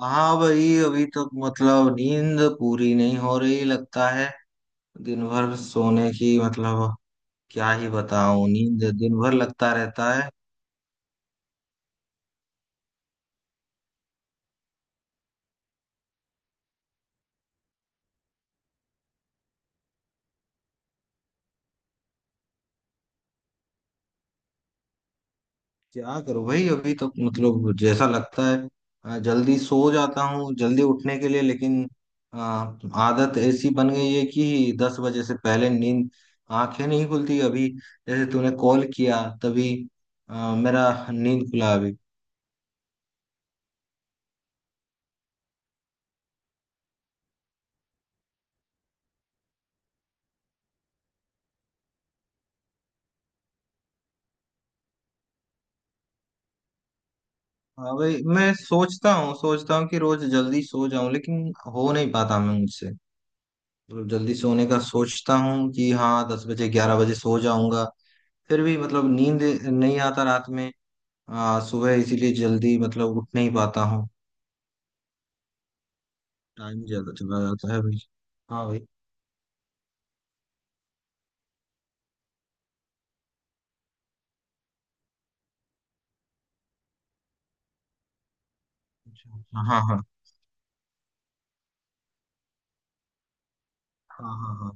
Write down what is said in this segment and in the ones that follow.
हाँ भाई, अभी तो मतलब नींद पूरी नहीं हो रही लगता है। दिन भर सोने की मतलब क्या ही बताऊं, नींद दिन भर लगता रहता है। क्या करूं भाई, अभी तो मतलब जैसा लगता है, जल्दी सो जाता हूँ जल्दी उठने के लिए, लेकिन आ, आदत ऐसी बन गई है कि 10 बजे से पहले नींद, आंखें नहीं खुलती अभी। जैसे तूने कॉल किया तभी मेरा नींद खुला अभी। हाँ भाई, मैं सोचता हूँ कि रोज जल्दी सो जाऊं, लेकिन हो नहीं पाता मैं, मुझसे मतलब जल्दी सोने का सोचता हूँ कि हाँ 10 बजे 11 बजे सो जाऊंगा, फिर भी मतलब नींद नहीं आता रात में। सुबह इसीलिए जल्दी मतलब उठ नहीं पाता हूँ। टाइम ज्यादा चला जाता है भाई। हाँ भाई। हाँ, हाँ, हाँ, हाँ, हाँ, हाँ,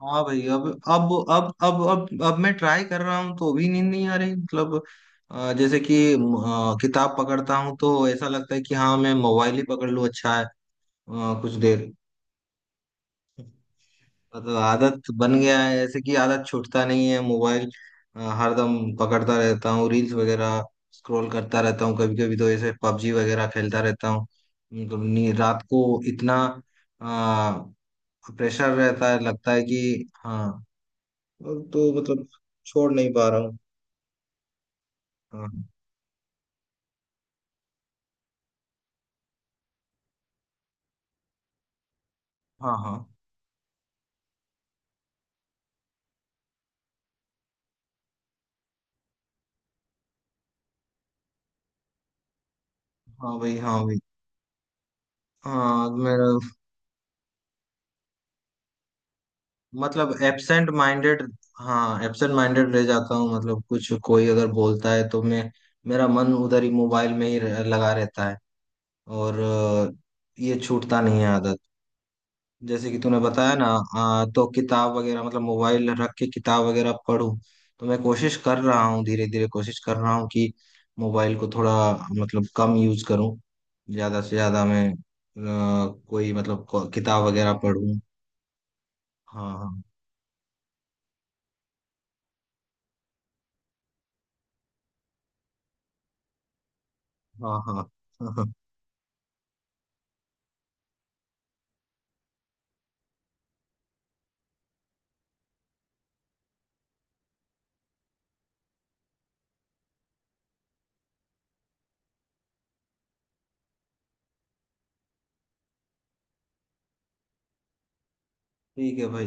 हाँ भाई, अब मैं ट्राई कर रहा हूँ तो भी नींद नहीं आ रही मतलब। जैसे कि किताब पकड़ता हूँ तो ऐसा लगता है कि हाँ मैं मोबाइल ही पकड़ लूँ अच्छा है, कुछ देर। मतलब आदत बन गया है ऐसे कि आदत छूटता नहीं है मोबाइल। हरदम पकड़ता रहता हूँ रील्स वगैरह, स्क्रॉल करता रहता हूँ, कभी कभी तो ऐसे पबजी वगैरह खेलता रहता हूँ। मतलब रात को इतना प्रेशर रहता है, लगता है कि हाँ, अब तो मतलब छोड़ नहीं पा रहा हूँ। हाँ, हाँ, हाँ, हाँ भाई, हाँ भाई, हाँ, मेरा मतलब एब्सेंट माइंडेड, हाँ, एब्सेंट माइंडेड रह जाता हूँ। मतलब कुछ कोई अगर बोलता है तो मैं, मेरा मन उधर ही मोबाइल में ही लगा रहता है। और ये छूटता नहीं है आदत। जैसे कि तूने बताया ना, तो किताब वगैरह मतलब मोबाइल रख के किताब वगैरह पढूं, तो मैं कोशिश कर रहा हूँ, धीरे धीरे कोशिश कर रहा हूँ कि मोबाइल को थोड़ा मतलब कम यूज करूँ, ज्यादा से ज्यादा मैं कोई मतलब किताब वगैरह पढूं। हाँ, हाँ, हाँ, हाँ, हाँ, हाँ। ठीक है भाई।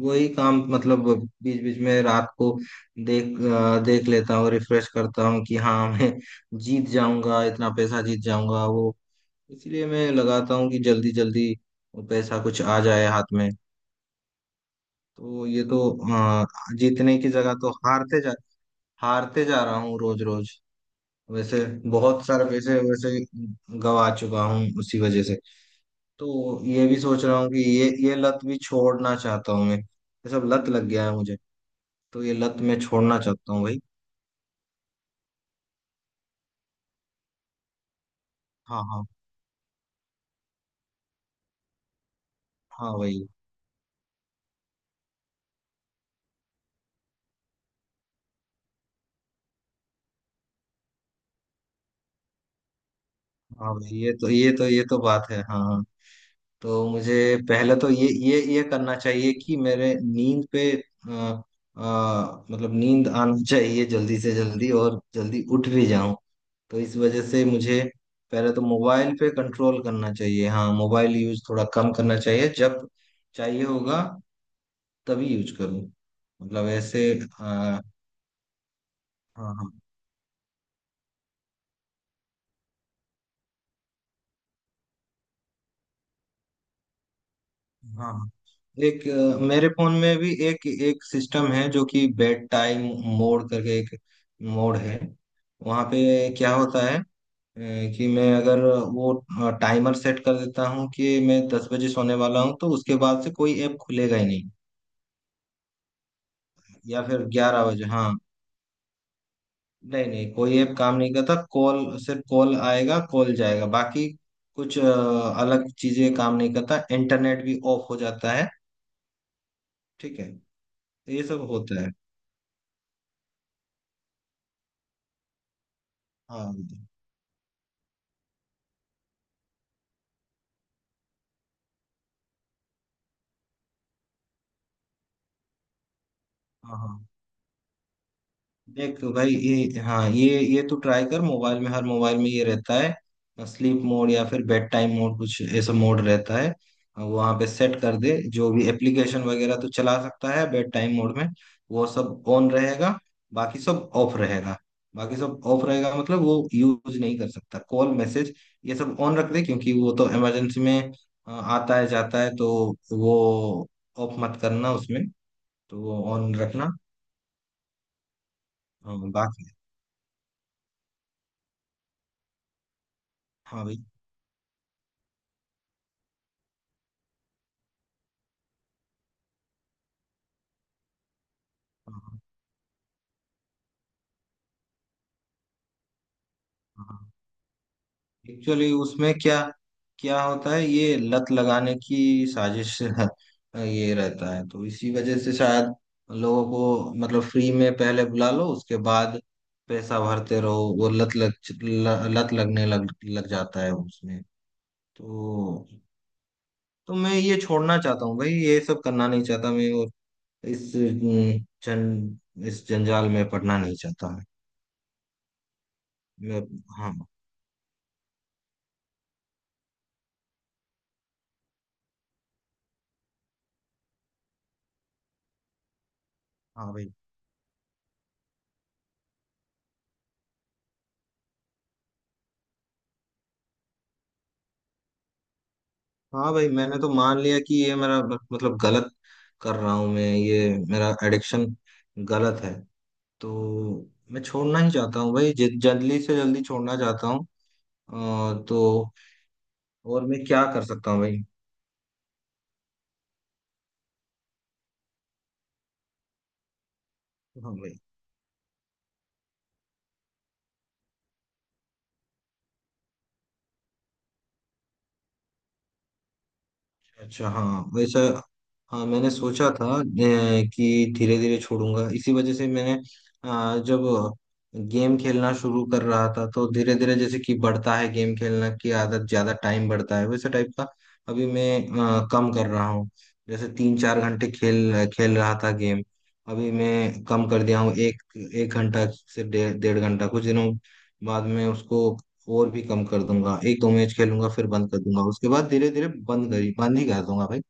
वही काम मतलब बीच बीच में रात को देख देख लेता हूँ, रिफ्रेश करता हूँ कि हाँ मैं जीत जाऊंगा, इतना पैसा जीत जाऊंगा वो, इसीलिए मैं लगाता हूँ कि जल्दी जल्दी पैसा कुछ आ जाए हाथ में। तो ये तो, अ, जीतने की जगह तो हारते जा, हारते जा रहा हूँ रोज रोज। वैसे बहुत सारे पैसे वैसे गवा चुका हूँ उसी वजह से। तो ये भी सोच रहा हूँ कि ये लत भी छोड़ना चाहता हूँ मैं, ये सब लत लग गया है मुझे। तो ये लत मैं छोड़ना चाहता हूँ भाई। हाँ, हाँ, हाँ भाई, हाँ भाई, ये तो बात है, हाँ, हाँ। तो मुझे पहले तो ये करना चाहिए कि मेरे नींद पे, मतलब नींद आनी चाहिए जल्दी से जल्दी और जल्दी उठ भी जाऊं, तो इस वजह से मुझे पहले तो मोबाइल पे कंट्रोल करना चाहिए। हाँ मोबाइल यूज थोड़ा कम करना चाहिए, जब चाहिए होगा तभी यूज करूं, मतलब ऐसे। हाँ, हाँ, हाँ। एक, मेरे फोन में भी एक एक सिस्टम है जो कि बेड टाइम मोड करके एक मोड है। वहाँ पे क्या होता है, कि मैं अगर वो टाइमर सेट कर देता हूँ कि मैं 10 बजे सोने वाला हूँ, तो उसके बाद से कोई ऐप खुलेगा ही नहीं, या फिर 11 बजे, हाँ। नहीं, नहीं, कोई ऐप काम नहीं करता। कॉल, सिर्फ कॉल आएगा, कॉल जाएगा, बाकी कुछ, अलग चीजें काम नहीं करता, इंटरनेट भी ऑफ हो जाता है। ठीक है, तो ये सब होता है। हाँ, हाँ, हाँ। देख तो भाई ये, हाँ, ये तो ट्राई कर, मोबाइल में, हर मोबाइल में ये रहता है स्लीप मोड या फिर बेड टाइम मोड, कुछ ऐसा मोड रहता है। वहां पे सेट कर दे जो भी एप्लीकेशन वगैरह तो चला सकता है बेड टाइम मोड में, वो सब ऑन रहेगा, बाकी सब ऑफ रहेगा। बाकी सब ऑफ रहेगा मतलब वो यूज नहीं कर सकता। कॉल, मैसेज, ये सब ऑन रख दे, क्योंकि वो तो इमरजेंसी में आता है जाता है, तो वो ऑफ मत करना उसमें, तो वो ऑन रखना। अ, बाकी, हाँ भाई। एक्चुअली उसमें क्या क्या होता है, ये लत लगाने की साजिश ये रहता है। तो इसी वजह से शायद लोगों को मतलब फ्री में पहले बुला लो, उसके बाद पैसा भरते रहो। वो लत लग, लत लगने लग लग जाता है उसमें। तो तो मैं ये छोड़ना चाहता हूँ भाई, ये सब करना नहीं चाहता मैं, और इस अम, जन इस जंजाल में पड़ना नहीं चाहता मैं। मैं- हाँ, हाँ भाई, हाँ भाई, मैंने तो मान लिया कि ये मेरा मतलब गलत कर रहा हूँ मैं, ये मेरा एडिक्शन गलत है, तो मैं छोड़ना ही चाहता हूँ भाई, जल्दी से जल्दी छोड़ना चाहता हूँ। तो और मैं क्या कर सकता हूँ भाई? हाँ भाई, अच्छा, हाँ, वैसा, हाँ, मैंने सोचा था, कि धीरे धीरे छोड़ूंगा। इसी वजह से मैंने, जब गेम खेलना शुरू कर रहा था, तो धीरे धीरे जैसे कि बढ़ता है गेम खेलना की आदत, ज्यादा टाइम बढ़ता है, वैसे टाइप का अभी मैं कम कर रहा हूँ। जैसे 3-4 घंटे खेल खेल रहा था गेम, अभी मैं कम कर दिया हूँ, एक 1 घंटा से डेढ़ डेढ़ घंटा, कुछ दिनों बाद में उसको और भी कम कर दूंगा, एक दो मैच खेलूंगा फिर बंद कर दूंगा, उसके बाद धीरे धीरे बंद करी, बंद ही कर दूंगा भाई।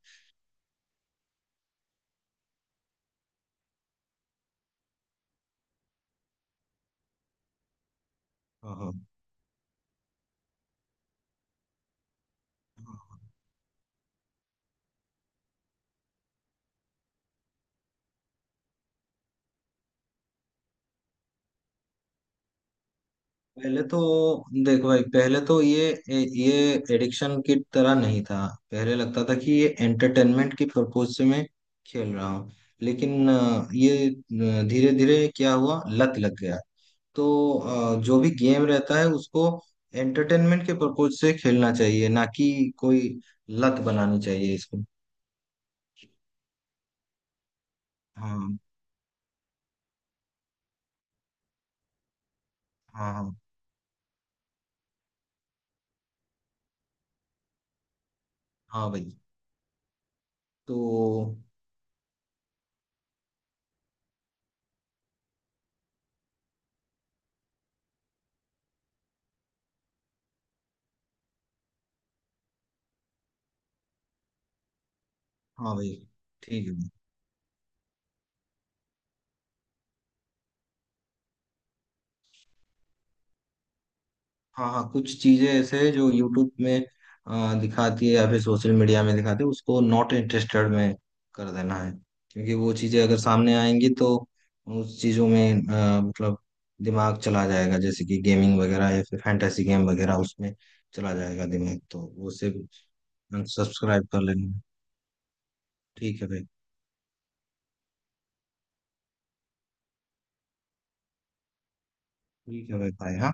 हाँ, हाँ। पहले तो देखो भाई, पहले तो ये ये एडिक्शन की तरह नहीं था। पहले लगता था कि ये एंटरटेनमेंट की पर्पज से मैं खेल रहा हूँ, लेकिन ये धीरे धीरे क्या हुआ, लत लग गया। तो जो भी गेम रहता है उसको एंटरटेनमेंट के पर्पज से खेलना चाहिए, ना कि कोई लत बनानी चाहिए इसको। हाँ, हाँ, हाँ, हाँ भाई। तो हाँ भाई, ठीक है, हाँ, हाँ, कुछ चीजें ऐसे हैं जो यूट्यूब में दिखाती है, या फिर सोशल मीडिया में दिखाती है, उसको नॉट इंटरेस्टेड में कर देना है। क्योंकि वो चीजें अगर सामने आएंगी, तो उस चीजों में, मतलब दिमाग चला जाएगा, जैसे कि गेमिंग वगैरह या फिर फैंटेसी गेम वगैरह, उसमें चला जाएगा दिमाग, तो वो सिर्फ सब्सक्राइब कर लेना। ठीक है भाई। ठीक है भाई, भाई, हाँ।